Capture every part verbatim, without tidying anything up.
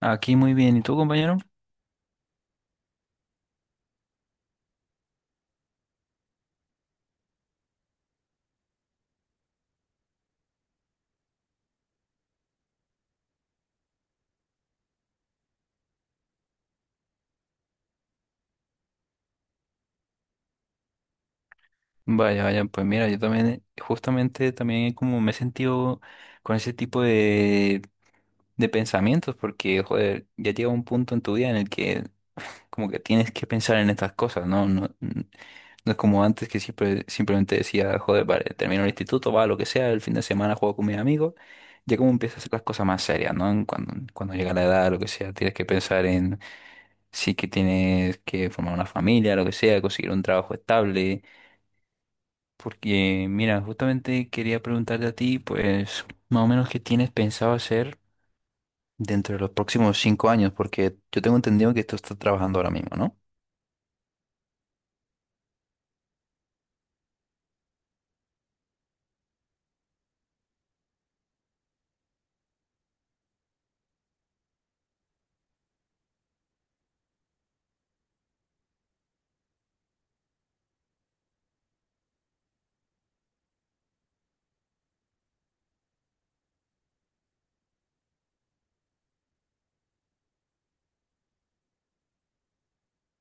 Aquí muy bien. ¿Y tú, compañero? Vaya, vaya, pues mira, yo también, eh, justamente también como me he sentido con ese tipo de, de pensamientos, porque, joder, ya llega un punto en tu vida en el que como que tienes que pensar en estas cosas, ¿no? No, n- no es como antes que siempre, simplemente decía, joder, vale, termino el instituto, va, lo que sea, el fin de semana juego con mis amigos, ya como empiezas a hacer las cosas más serias, ¿no? En Cuando, cuando llega la edad, lo que sea, tienes que pensar en sí que tienes que formar una familia, lo que sea, conseguir un trabajo estable. Porque, mira, justamente quería preguntarte a ti, pues, más o menos qué tienes pensado hacer dentro de los próximos cinco años, porque yo tengo entendido que tú estás trabajando ahora mismo, ¿no?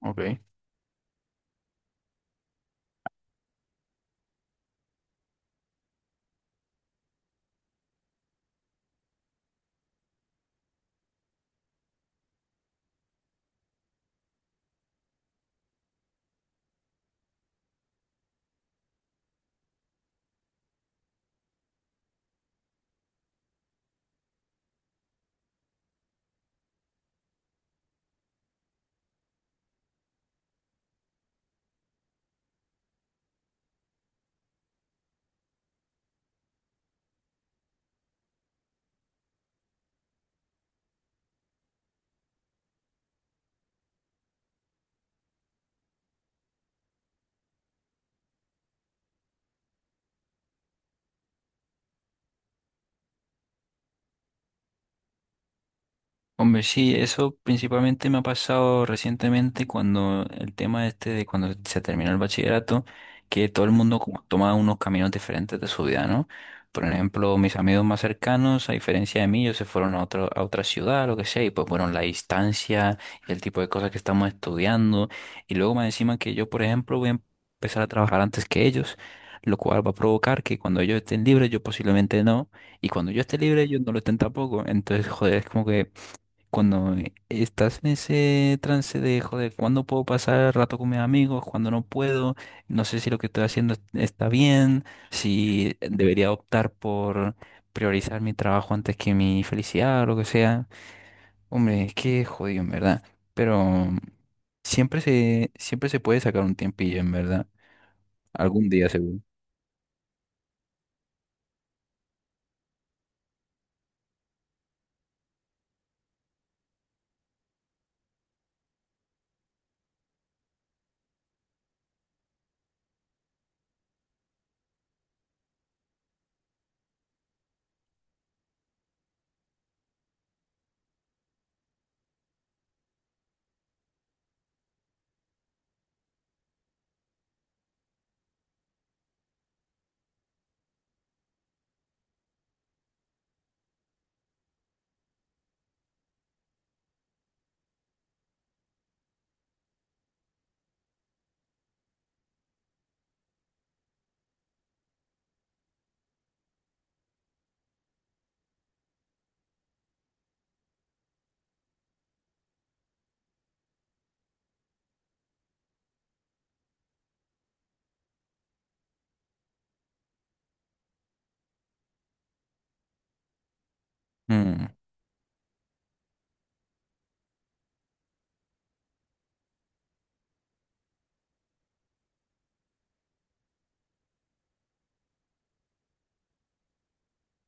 Ok. Hombre, sí, eso principalmente me ha pasado recientemente cuando el tema este de cuando se terminó el bachillerato, que todo el mundo como toma unos caminos diferentes de su vida, ¿no? Por ejemplo, mis amigos más cercanos, a diferencia de mí, ellos se fueron a otro, a otra ciudad, lo que sea, y pues bueno, la distancia y el tipo de cosas que estamos estudiando, y luego más encima que yo, por ejemplo, voy a empezar a trabajar antes que ellos, lo cual va a provocar que cuando ellos estén libres, yo posiblemente no, y cuando yo esté libre, ellos no lo estén tampoco, entonces, joder, es como que cuando estás en ese trance de, joder, ¿cuándo puedo pasar rato con mis amigos? ¿Cuándo no puedo? No sé si lo que estoy haciendo es- está bien, si debería optar por priorizar mi trabajo antes que mi felicidad o lo que sea. Hombre, es que jodido, en verdad. Pero siempre se, siempre se puede sacar un tiempillo, en verdad. Algún día seguro. Mm.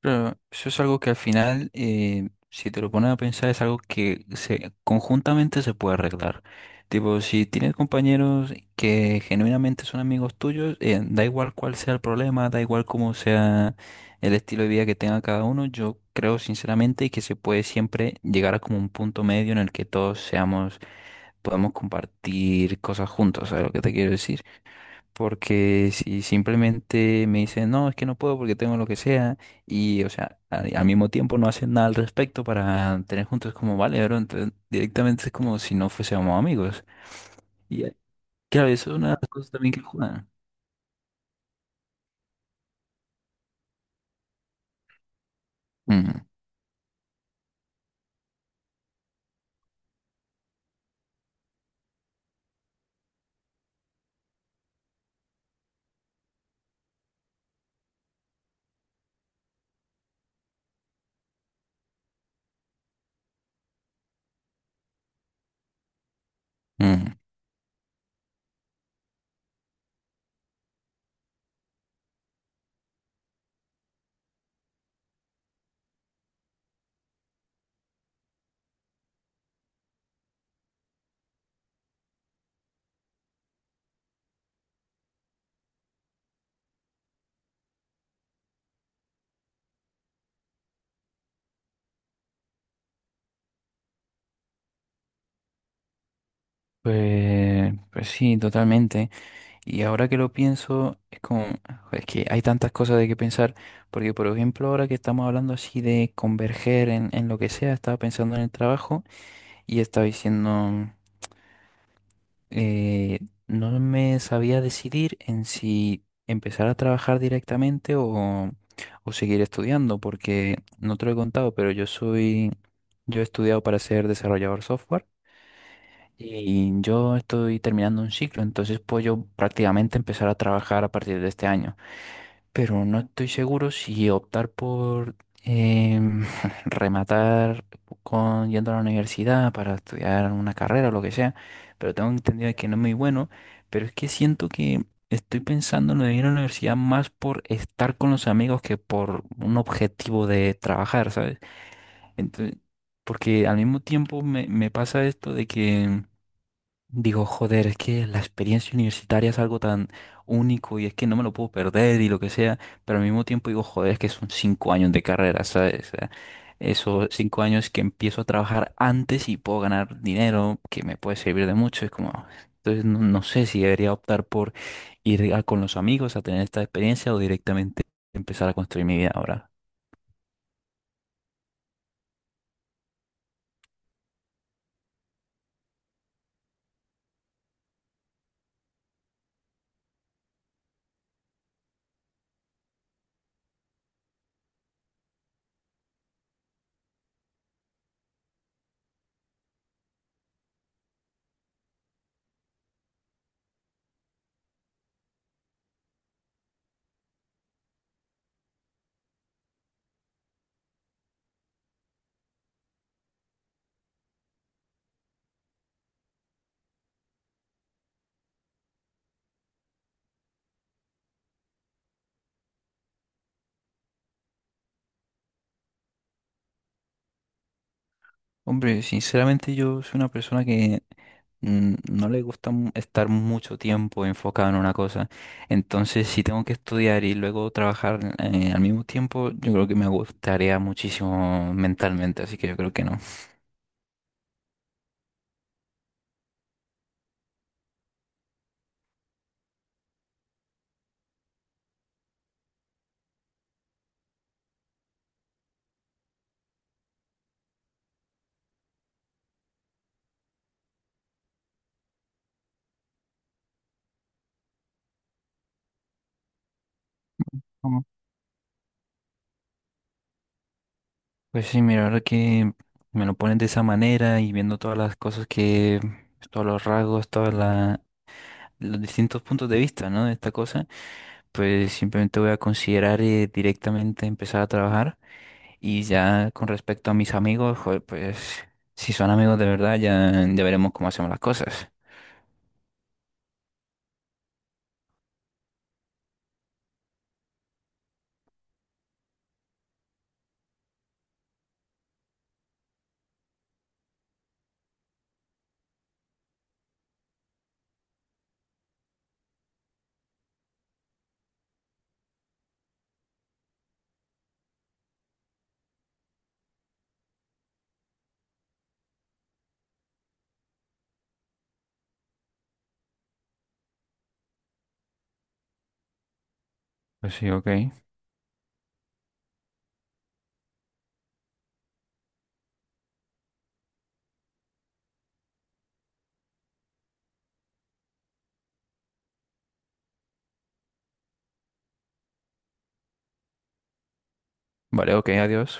Claro, eso es algo que al final, eh, si te lo pones a pensar, es algo que se, conjuntamente se puede arreglar. Tipo, si tienes compañeros que genuinamente son amigos tuyos, eh, da igual cuál sea el problema, da igual cómo sea el estilo de vida que tenga cada uno, yo creo sinceramente que se puede siempre llegar a como un punto medio en el que todos seamos, podemos compartir cosas juntos, ¿sabes lo que te quiero decir? Porque si simplemente me dicen, no, es que no puedo porque tengo lo que sea, y, o sea, a- al mismo tiempo no hacen nada al respecto para tener juntos, como, vale, bro, entonces directamente es como si no fuésemos amigos. Y eh, claro, eso es una de las cosas también que juegan. Mm, mm. Pues, pues sí, totalmente. Y ahora que lo pienso, es como, es que hay tantas cosas de que pensar, porque, por ejemplo, ahora que estamos hablando así de converger en, en lo que sea, estaba pensando en el trabajo y estaba diciendo. eh, no me sabía decidir en si empezar a trabajar directamente o, o seguir estudiando, porque no te lo he contado, pero yo soy, yo he estudiado para ser desarrollador software y yo estoy terminando un ciclo, entonces puedo yo prácticamente empezar a trabajar a partir de este año, pero no estoy seguro si optar por em, rematar con yendo a la universidad para estudiar una carrera o lo que sea, pero tengo entendido que no es muy bueno, pero es que siento que estoy pensando en lo de ir a la universidad más por estar con los amigos que por un objetivo de trabajar, ¿sabes? Entonces, porque al mismo tiempo me, me pasa esto de que digo, joder, es que la experiencia universitaria es algo tan único y es que no me lo puedo perder y lo que sea, pero al mismo tiempo digo, joder, es que son cinco años de carrera, ¿sabes? O sea, esos cinco años que empiezo a trabajar antes y puedo ganar dinero que me puede servir de mucho, es como, entonces no, no sé si debería optar por ir a- con los amigos a tener esta experiencia o directamente empezar a construir mi vida ahora. Hombre, sinceramente yo soy una persona que mm, no le gusta mu- estar mucho tiempo enfocado en una cosa. Entonces, si tengo que estudiar y luego trabajar eh, al mismo tiempo, yo creo que me gustaría muchísimo mentalmente, así que yo creo que no. Ujú. Pues sí, mira, ahora que me lo pones de esa manera y viendo todas las cosas que, pues, todos los rasgos, todos los distintos puntos de vista, ¿no? De esta cosa, pues simplemente voy a considerar eh, directamente empezar a trabajar. Y ya con respecto a mis amigos, joder, pues si son amigos de verdad, ya, ya veremos cómo hacemos las cosas. Pues sí, ok. Vale, ok, adiós.